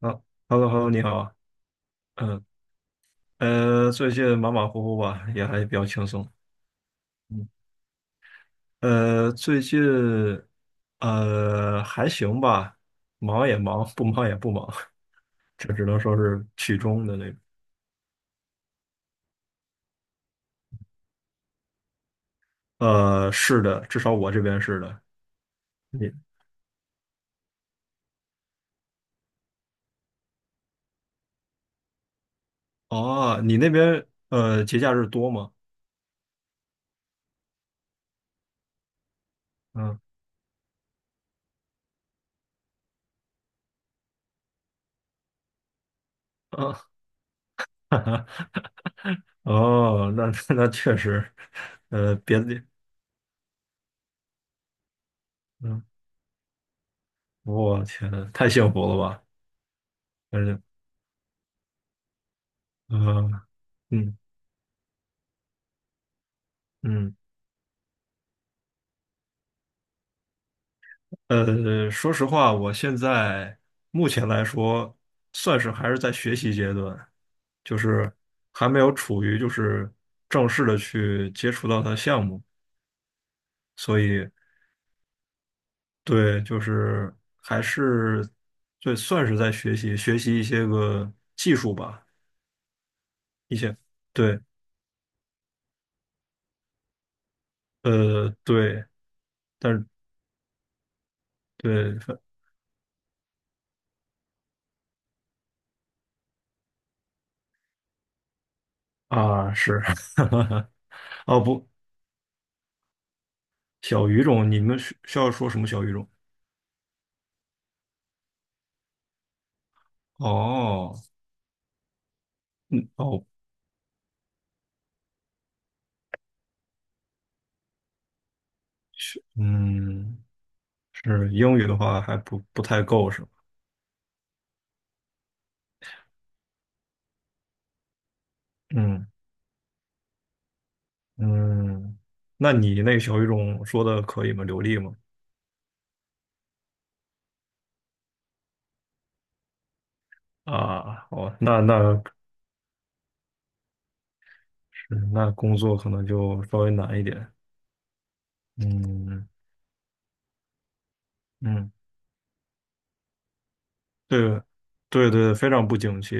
好。Hello，Hello，你好。啊。嗯，最近马马虎虎吧，也还比较轻松。嗯。最近还行吧，忙也忙，不忙也不忙。这只能说是其中的那种。是的，至少我这边是的。你哦，你那边节假日多吗？嗯。啊。哦，那确实。呃，别的地，嗯。我天，太幸福了吧。反正。嗯。嗯嗯。说实话，我现在目前来说，算是还是在学习阶段。就是还没有处于就是正式的去接触到它的项目，所以。对，就是还是。对，算是在学习学习一些个技术吧。一些对。对。但是对。啊。是。哦不。小语种，你们需要说什么小语种？哦。嗯。哦。是。嗯。是英语的话还不太够是吧？嗯嗯。那你那个小语种说的可以吗？流利吗？啊。哦。那是。那工作可能就稍微难一点。嗯嗯。对对对，非常不景气。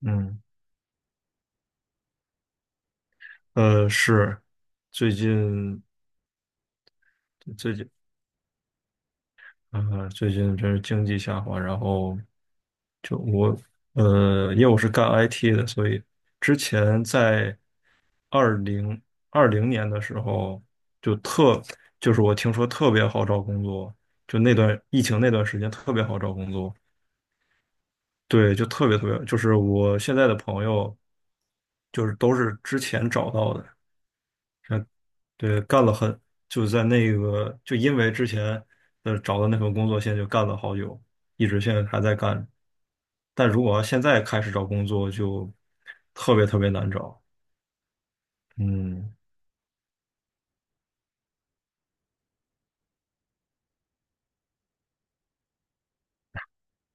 嗯。是。最近最近啊、最近真是经济下滑，然后。就我，因为我是干 IT 的，所以之前在2020年的时候，就特，就是我听说特别好找工作，就那段疫情那段时间特别好找工作。对，就特别特别，就是我现在的朋友就是都是之前找到的。对，干了很，就在那个，就因为之前的找的那份工作，现在就干了好久，一直现在还在干。但如果要现在开始找工作，就特别特别难找。嗯。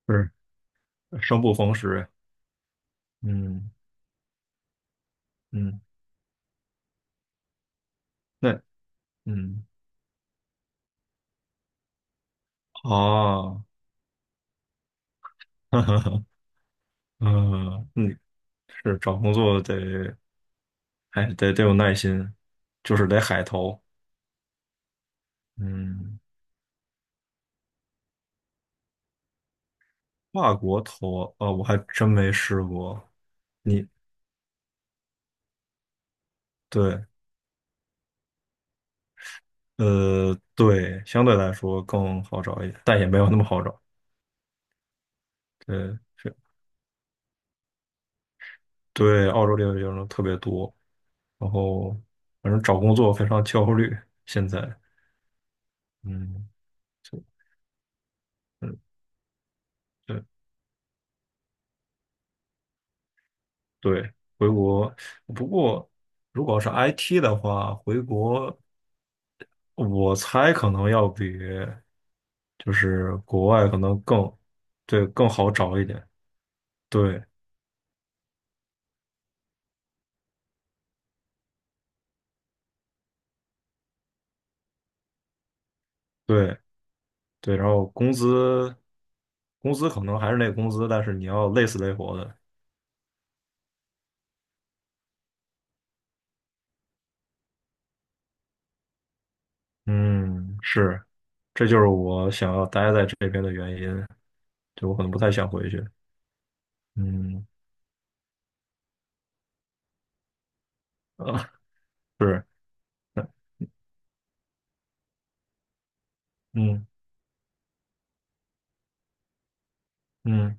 不是。生不逢时。嗯嗯。那。嗯。啊。哈哈哈。嗯。嗯。是找工作得，还得有耐心，就是得海投。嗯。跨国投啊，我还真没试过。你对。对，相对来说更好找一点，但也没有那么好找。对。是。对，澳洲留学生特别多，然后反正找工作非常焦虑。现在。嗯。就嗯。对对，回国。不过，如果是 IT 的话，回国我猜可能要比就是国外可能更。对，更好找一点。对对，对，然后工资可能还是那个工资，但是你要累死累活的。嗯。是。这就是我想要待在这边的原因，就我可能不太想回去。嗯。啊。是。嗯嗯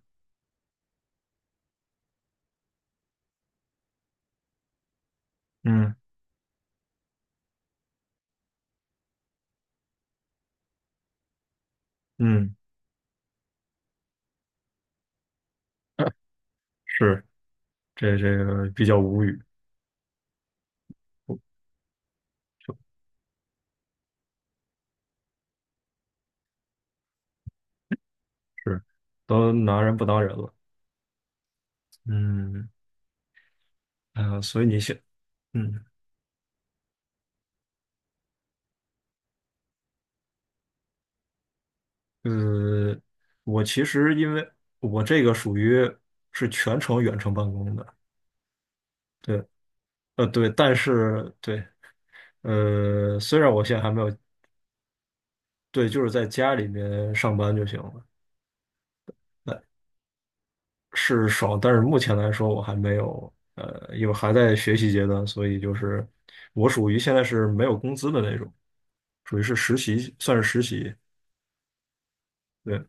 嗯嗯。是。这个比较无语，就是都拿人不当人了。嗯。啊，所以你想。嗯。呃，我其实因为我这个属于是全程远程办公的。对。对。但是对。虽然我现在还没有。对，就是在家里面上班就行了。那是爽，但是目前来说我还没有，因为还在学习阶段，所以就是我属于现在是没有工资的那种，属于是实习，算是实习。对。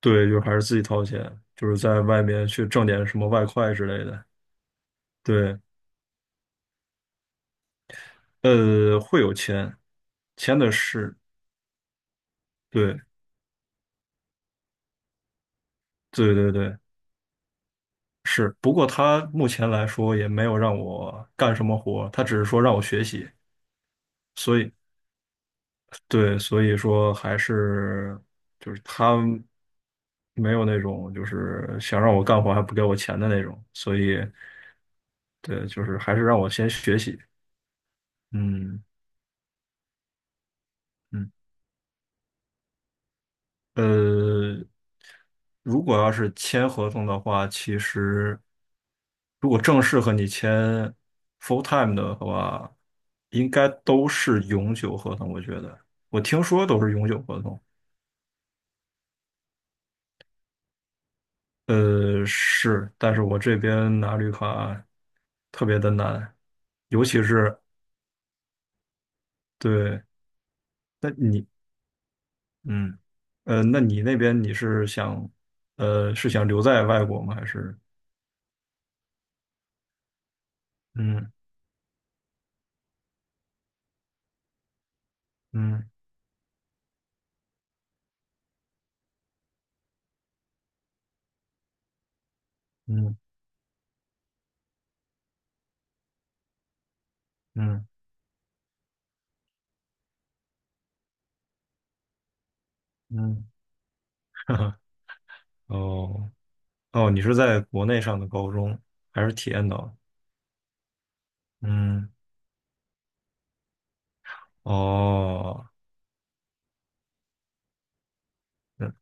对，就还是自己掏钱，就是在外面去挣点什么外快之类的。对。会有签。签的是，对对对对。是，不过他目前来说也没有让我干什么活，他只是说让我学习，所以对，所以说还是就是他没有那种就是想让我干活还不给我钱的那种，所以对，就是还是让我先学习。嗯嗯。呃，如果要是签合同的话，其实如果正式和你签 full time 的话，应该都是永久合同。我觉得，我听说都是永久合同。是。但是我这边拿绿卡特别的难，尤其是。对，那你。嗯。那你那边你是想，是想留在外国吗？还是。嗯嗯嗯嗯嗯。哦。哦，你是在国内上的高中。还是体验到。嗯。哦。嗯。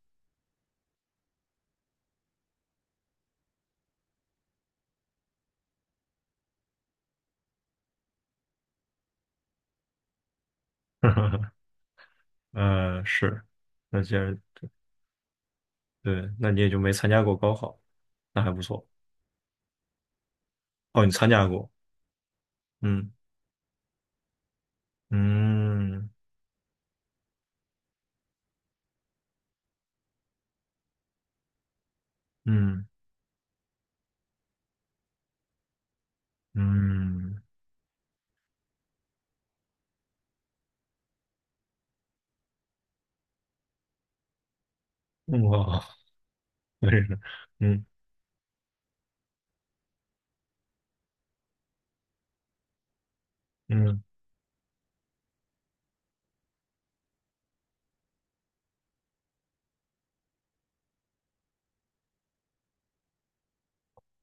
是。那既然。对，那你也就没参加过高考，那还不错。哦，你参加过。嗯嗯嗯嗯。嗯。哇。真是。嗯嗯。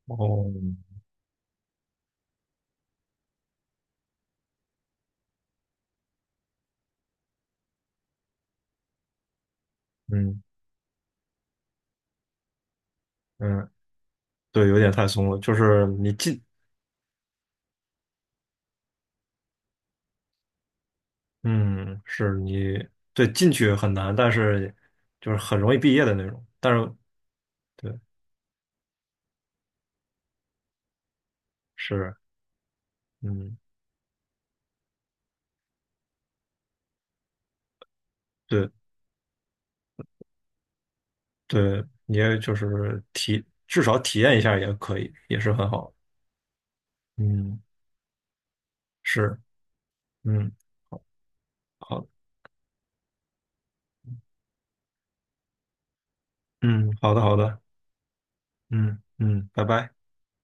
哦。嗯嗯。对，有点太松了，就是你进。嗯。是。对，进去很难，但是就是很容易毕业的那种。但是对。是。嗯。对对，你也就是至少体验一下也可以，也是很好。嗯。是。嗯。好。嗯。好的好的。嗯嗯。拜拜。